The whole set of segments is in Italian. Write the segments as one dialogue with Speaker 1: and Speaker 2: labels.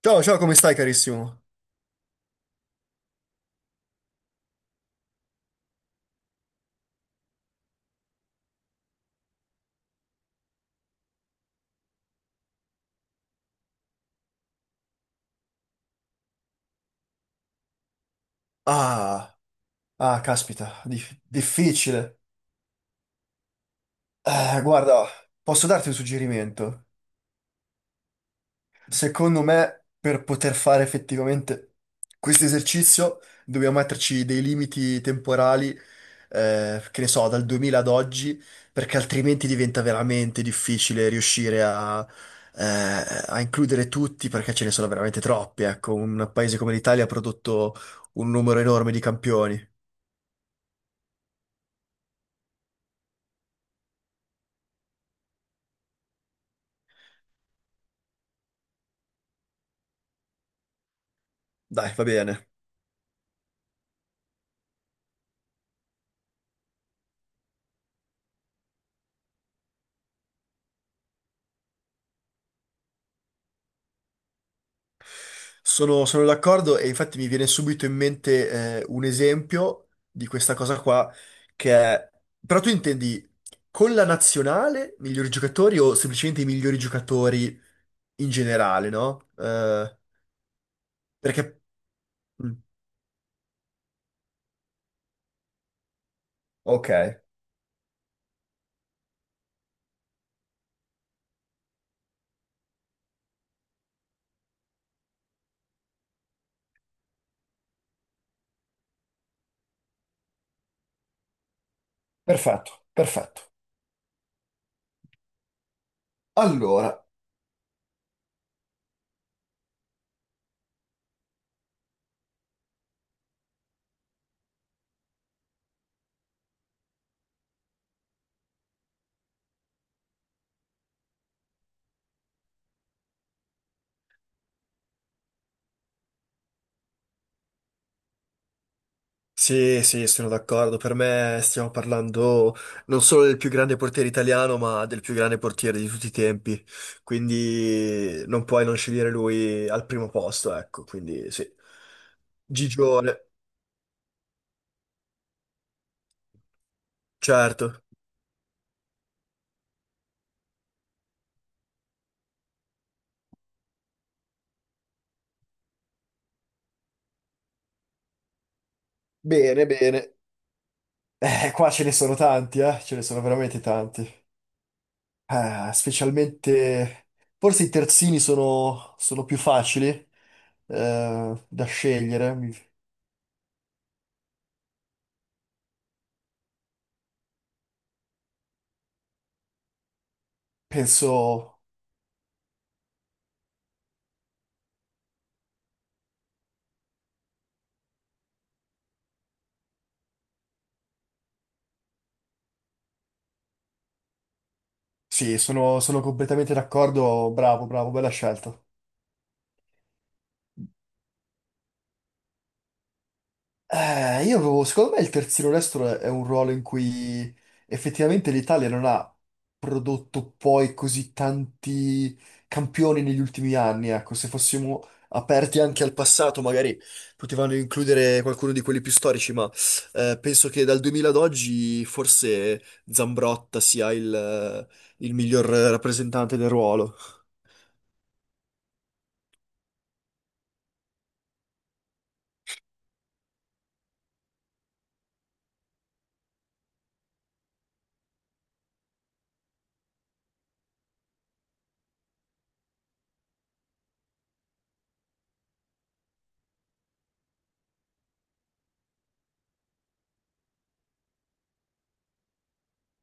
Speaker 1: Ciao, ciao, come stai carissimo? Ah, ah, caspita, difficile. Guarda, posso darti un suggerimento? Secondo me, per poter fare effettivamente questo esercizio, dobbiamo metterci dei limiti temporali, che ne so, dal 2000 ad oggi, perché altrimenti diventa veramente difficile riuscire a, a includere tutti, perché ce ne sono veramente troppi. Ecco, un paese come l'Italia ha prodotto un numero enorme di campioni. Dai, va bene. Sono d'accordo e infatti mi viene subito in mente un esempio di questa cosa qua, che è... Però tu intendi con la nazionale migliori giocatori o semplicemente i migliori giocatori in generale, no? Perché... Mm, ok, perfetto, perfetto. Allora, sì, sì, sono d'accordo. Per me stiamo parlando non solo del più grande portiere italiano, ma del più grande portiere di tutti i tempi. Quindi non puoi non scegliere lui al primo posto, ecco. Quindi sì. Gigione, certo. Bene, bene. Qua ce ne sono tanti, eh? Ce ne sono veramente tanti. Specialmente... Forse i terzini sono, sono più facili da scegliere. Mi- penso... Sì, sono, sono completamente d'accordo. Bravo, bravo, bella scelta. Io avevo, secondo me il terzino destro è un ruolo in cui effettivamente l'Italia non ha prodotto poi così tanti campioni negli ultimi anni. Ecco, se fossimo aperti anche al passato, magari potevano includere qualcuno di quelli più storici, ma penso che dal 2000 ad oggi forse Zambrotta sia il miglior rappresentante del ruolo.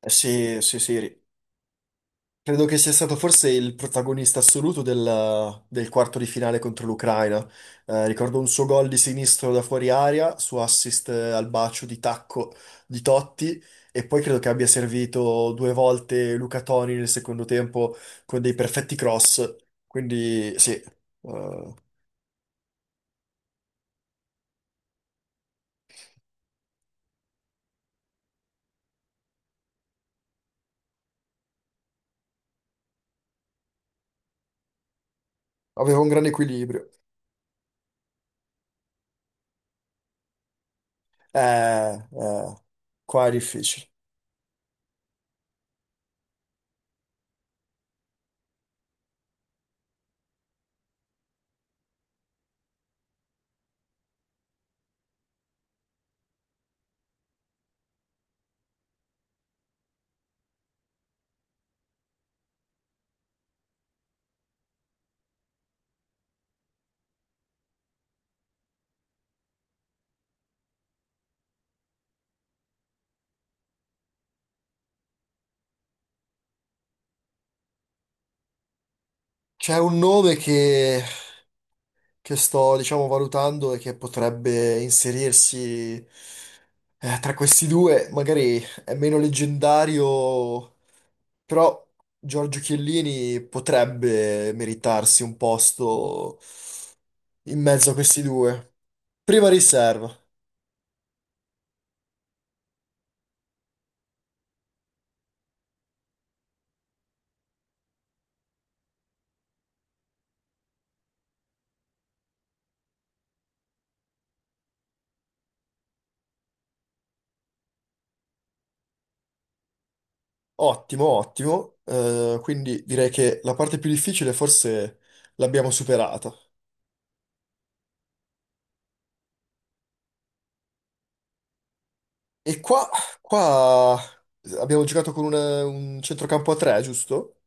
Speaker 1: Sì, sì, sì, credo che sia stato forse il protagonista assoluto del quarto di finale contro l'Ucraina. Ricordo un suo gol di sinistro da fuori aria, suo assist al bacio di tacco di Totti e poi credo che abbia servito due volte Luca Toni nel secondo tempo con dei perfetti cross. Quindi sì, aveva un grande equilibrio. Eh, eh, qua è difficile. C'è un nome che sto, diciamo, valutando e che potrebbe inserirsi tra questi due. Magari è meno leggendario, però Giorgio Chiellini potrebbe meritarsi un posto in mezzo a questi due. Prima riserva, ottimo, ottimo. Quindi direi che la parte più difficile forse l'abbiamo superata. E qua, qua abbiamo giocato con un centrocampo a tre, giusto?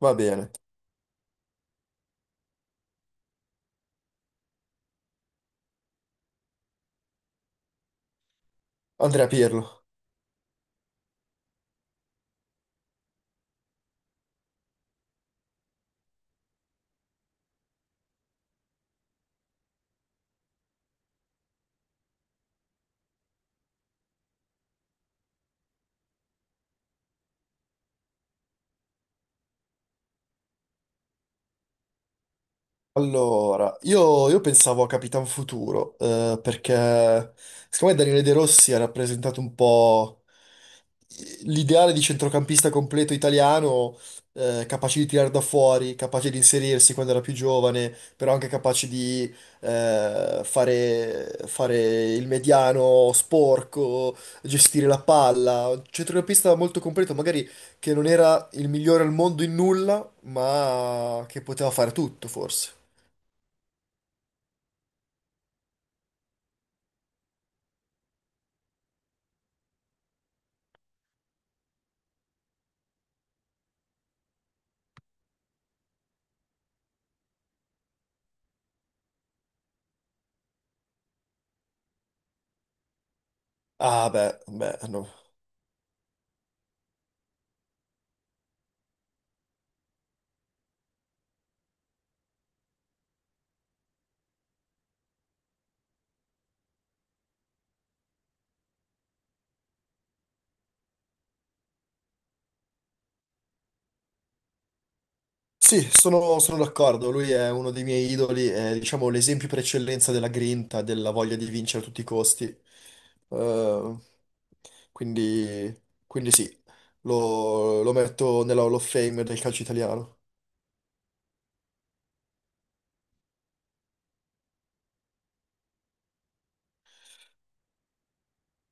Speaker 1: Va bene. Andrea Pirlo. Allora, io pensavo a Capitan Futuro, perché secondo me Daniele De Rossi ha rappresentato un po' l'ideale di centrocampista completo italiano, capace di tirare da fuori, capace di inserirsi quando era più giovane, però anche capace di fare, fare il mediano sporco, gestire la palla. Un centrocampista molto completo, magari che non era il migliore al mondo in nulla, ma che poteva fare tutto, forse. Ah, beh, beh, no. Sì, sono, sono d'accordo. Lui è uno dei miei idoli, è diciamo l'esempio per eccellenza della grinta, della voglia di vincere a tutti i costi. Eh, quindi, quindi sì, lo, lo metto nella Hall of Fame del calcio italiano.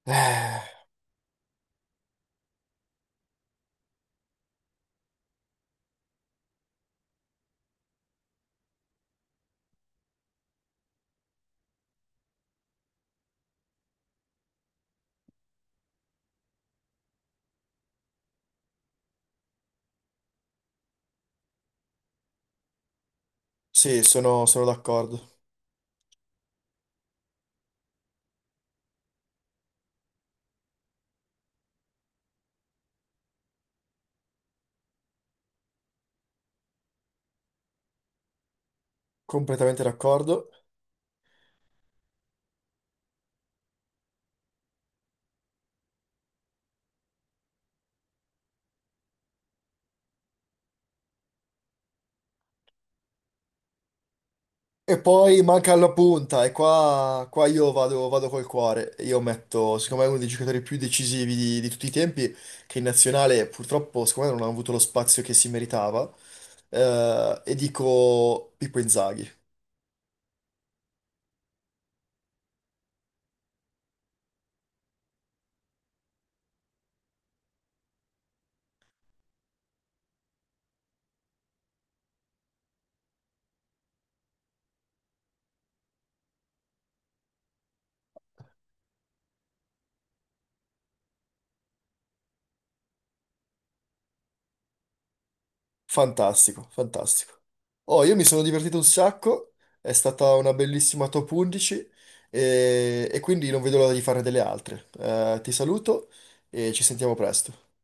Speaker 1: Eh, sì, sono sono d'accordo, completamente d'accordo. E poi manca alla punta, e qua, qua io vado, vado col cuore. Io metto, secondo me, uno dei giocatori più decisivi di tutti i tempi, che in nazionale purtroppo, secondo me, non ha avuto lo spazio che si meritava. E dico Pippo Inzaghi. Fantastico, fantastico. Oh, io mi sono divertito un sacco, è stata una bellissima top 11 e quindi non vedo l'ora di fare delle altre. Ti saluto e ci sentiamo presto.